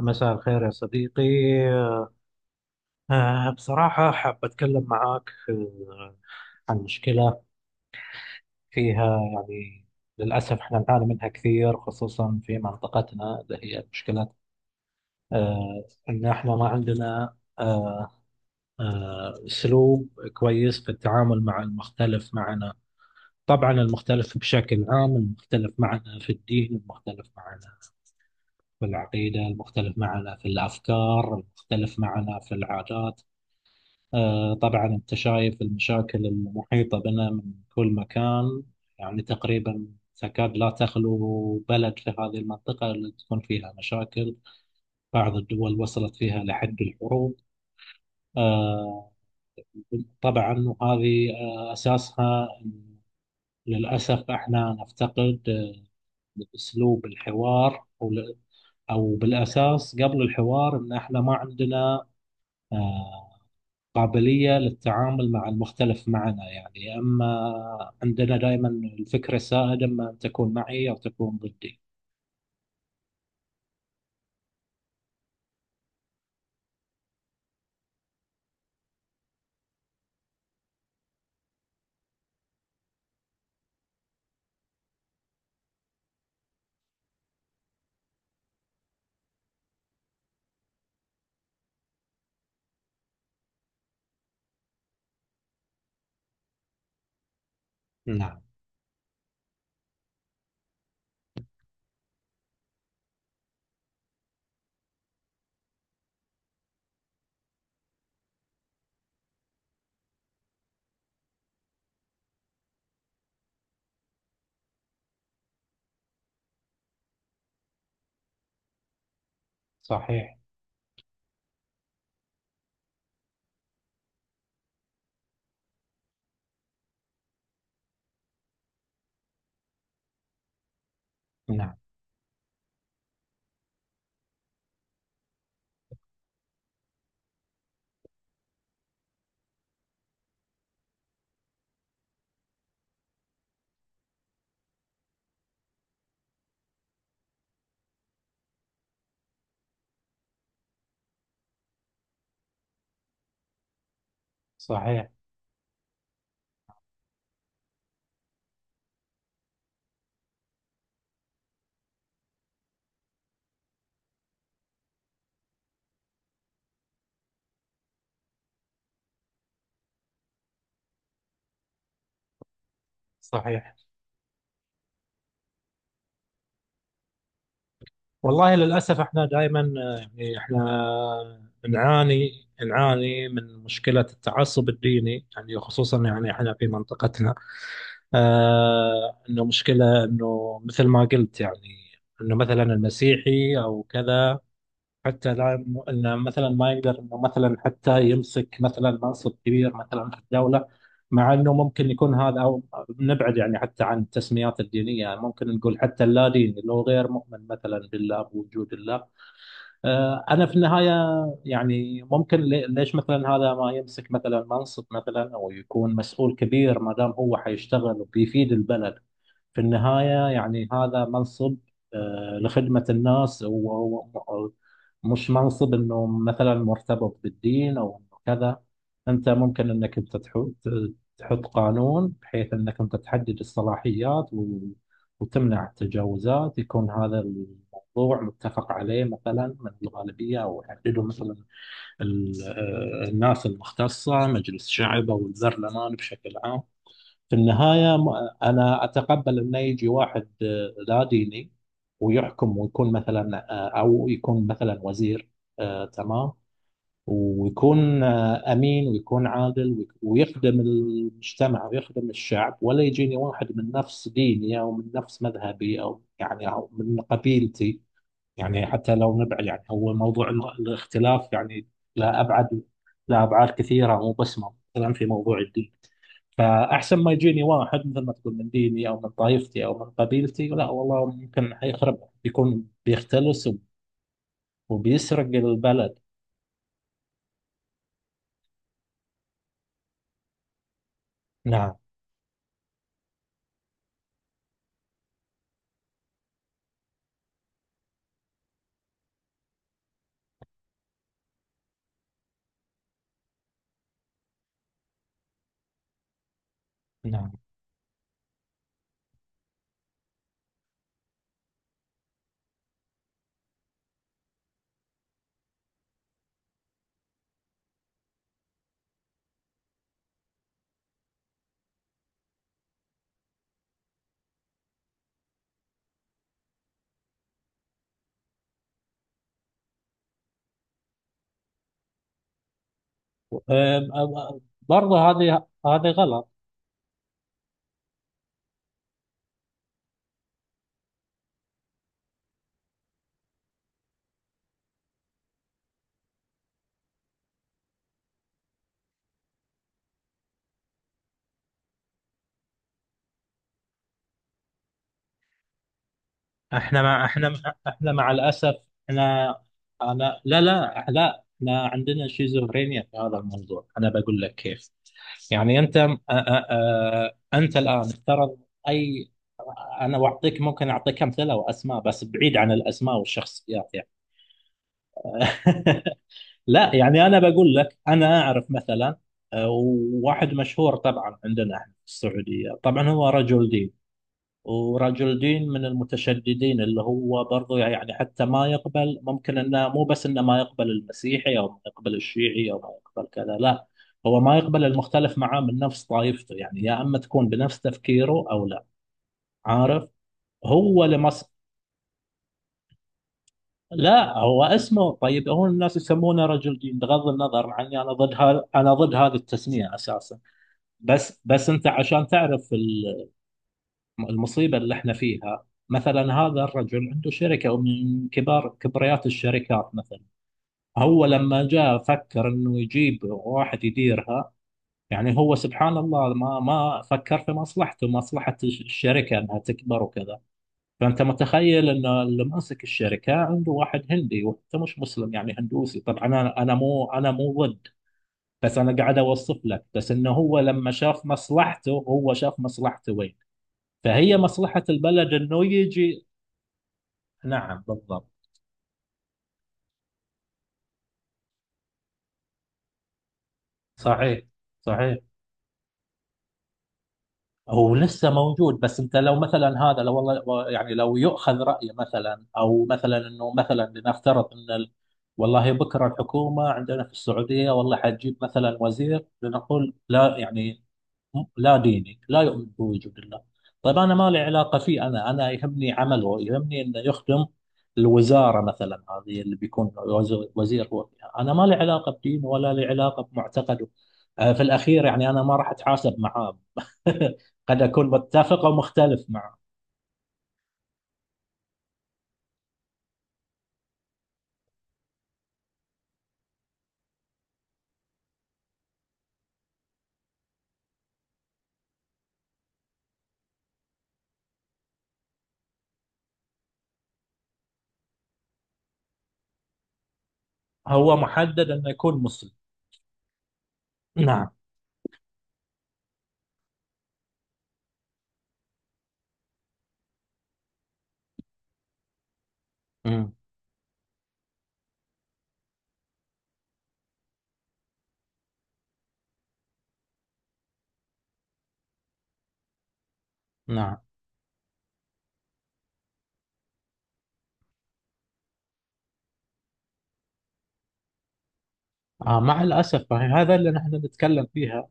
مساء الخير يا صديقي. بصراحة حاب أتكلم معاك عن مشكلة فيها، يعني للأسف إحنا نعاني منها كثير، خصوصا في منطقتنا، اللي هي مشكلة إن إحنا ما عندنا أسلوب كويس في التعامل مع المختلف معنا. طبعا المختلف بشكل عام، المختلف معنا في الدين، المختلف معنا في العقيدة، المختلف معنا في الأفكار، المختلف معنا في العادات. طبعا أنت شايف المشاكل المحيطة بنا من كل مكان. يعني تقريبا تكاد لا تخلو بلد في هذه المنطقة اللي تكون فيها مشاكل. بعض الدول وصلت فيها لحد الحروب. آه، طبعا، وهذه أساسها إن للأسف احنا نفتقد أسلوب الحوار، أو بالأساس قبل الحوار، إن احنا ما عندنا قابلية للتعامل مع المختلف معنا. يعني أما عندنا دائما الفكرة السائدة، إما أن تكون معي أو تكون ضدي. نعم. صحيح. نعم. صحيح. صحيح. والله للأسف إحنا دائما، يعني إحنا نعاني من مشكلة التعصب الديني، يعني خصوصا، يعني إحنا في منطقتنا إنه مشكلة، إنه مثل ما قلت، يعني إنه مثلا المسيحي أو كذا، حتى لا، انه مثلا ما يقدر انه مثلا حتى يمسك مثلا منصب كبير مثلا في الدوله، مع انه ممكن يكون هذا، او نبعد يعني حتى عن التسميات الدينيه، يعني ممكن نقول حتى اللا دين، اللي هو غير مؤمن مثلا بالله، بوجود الله. انا في النهايه يعني ممكن، ليش مثلا هذا ما يمسك مثلا منصب مثلا، او يكون مسؤول كبير، ما دام هو حيشتغل وبيفيد البلد. في النهايه يعني هذا منصب لخدمه الناس، وهو مش منصب انه مثلا مرتبط بالدين، او إنه كذا. انت ممكن انك انت تحط قانون، بحيث انك انت تحدد الصلاحيات وتمنع التجاوزات، يكون هذا موضوع متفق عليه مثلا من الغالبية، أو يحدده مثلا الناس المختصة، مجلس الشعب أو البرلمان بشكل عام. في النهاية أنا أتقبل أن يجي واحد لا ديني، ويحكم، ويكون مثلا أو يكون مثلا وزير، تمام، ويكون أمين، ويكون عادل، ويخدم المجتمع ويخدم الشعب، ولا يجيني واحد من نفس ديني، أو من نفس مذهبي، أو يعني أو من قبيلتي. يعني حتى لو نبعد، يعني هو موضوع الاختلاف، يعني لا، أبعد، لا، أبعاد كثيرة، مو بس مثلا في موضوع الدين. فأحسن ما يجيني واحد مثل ما تقول من ديني، أو من طائفتي، أو من قبيلتي، لا والله، ممكن حيخرب، بيكون بيختلس وبيسرق البلد. نعم. نعم. أم- أم- برضه هذه غلط. احنا مع الاسف. احنا. انا، لا، لا، لا، احنا عندنا شيزوفرينيا في هذا الموضوع، انا بقول لك كيف. يعني انت، انت الان افترض، اي، انا ممكن اعطيك امثله واسماء، بس بعيد عن الاسماء والشخصيات يعني. لا يعني، انا بقول لك، انا اعرف مثلا وواحد مشهور طبعا عندنا احنا في السعوديه، طبعا هو رجل دين، ورجل دين من المتشددين، اللي هو برضو يعني حتى ما يقبل، ممكن انه مو بس انه ما يقبل المسيحي، او ما يقبل الشيعي، او ما يقبل كذا، لا، هو ما يقبل المختلف معاه من نفس طائفته، يعني يا اما تكون بنفس تفكيره او لا. عارف. هو لمس. لا، هو اسمه، طيب هو الناس يسمونه رجل دين، بغض النظر، مع اني انا ضد، انا ضد هذه التسميه اساسا. بس انت عشان تعرف المصيبة اللي احنا فيها. مثلا هذا الرجل عنده شركة من كبار كبريات الشركات مثلا. هو لما جاء فكر انه يجيب واحد يديرها. يعني هو سبحان الله ما فكر في مصلحته، مصلحة الشركة، انها تكبر وكذا. فانت متخيل ان اللي ماسك الشركة عنده واحد هندي، وانت مش مسلم يعني هندوسي. طبعا انا، انا مو ضد، بس انا قاعد اوصف لك، بس انه هو لما شاف مصلحته، هو شاف مصلحته وين. فهي مصلحة البلد انه يجي. نعم بالضبط. صحيح. صحيح. هو لسه موجود، بس انت لو مثلا هذا، لو والله يعني، لو يؤخذ رأيه مثلا، او مثلا انه مثلا لنفترض ان والله بكره الحكومه عندنا في السعوديه، والله حتجيب مثلا وزير، لنقول لا يعني، لا ديني، لا يؤمن بوجود الله. طيب أنا ما لي علاقة فيه، أنا يهمني عمله، يهمني أنه يخدم الوزارة مثلا، هذه اللي بيكون وزير هو فيها. أنا ما لي علاقة بدينه، ولا لي علاقة بمعتقده. في الأخير يعني أنا ما راح أتحاسب معاه. قد أكون متفق أو مختلف معه. هو محدد أنه يكون مسلم. نعم. مم. نعم. آه، مع الأسف، هذا اللي نحن نتكلم فيها.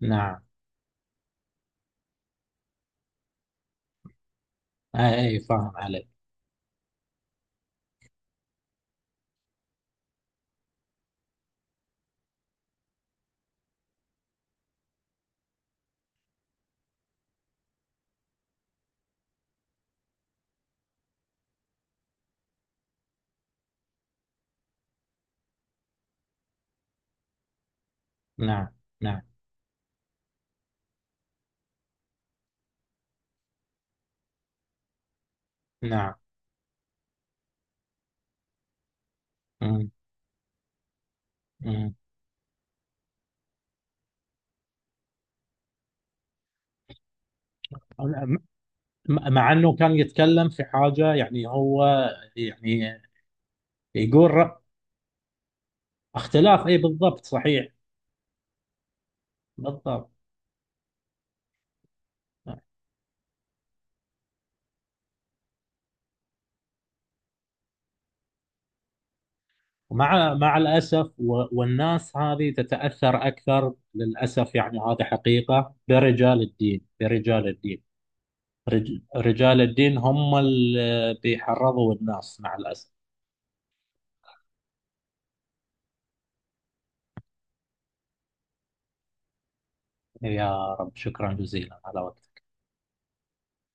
نعم. آه، أي فاهم عليك. نعم. نعم. نعم. مم. مم. م- مع انه كان يتكلم في حاجه، يعني هو يعني يقول ر- اختلاف، اي بالضبط، صحيح. بالضبط. مع الاسف. والناس هذه تتاثر اكثر للاسف. يعني هذه حقيقه، برجال الدين، رجال الدين هم اللي بيحرضوا الناس مع الاسف. يا رب، شكرا جزيلا على وقتك.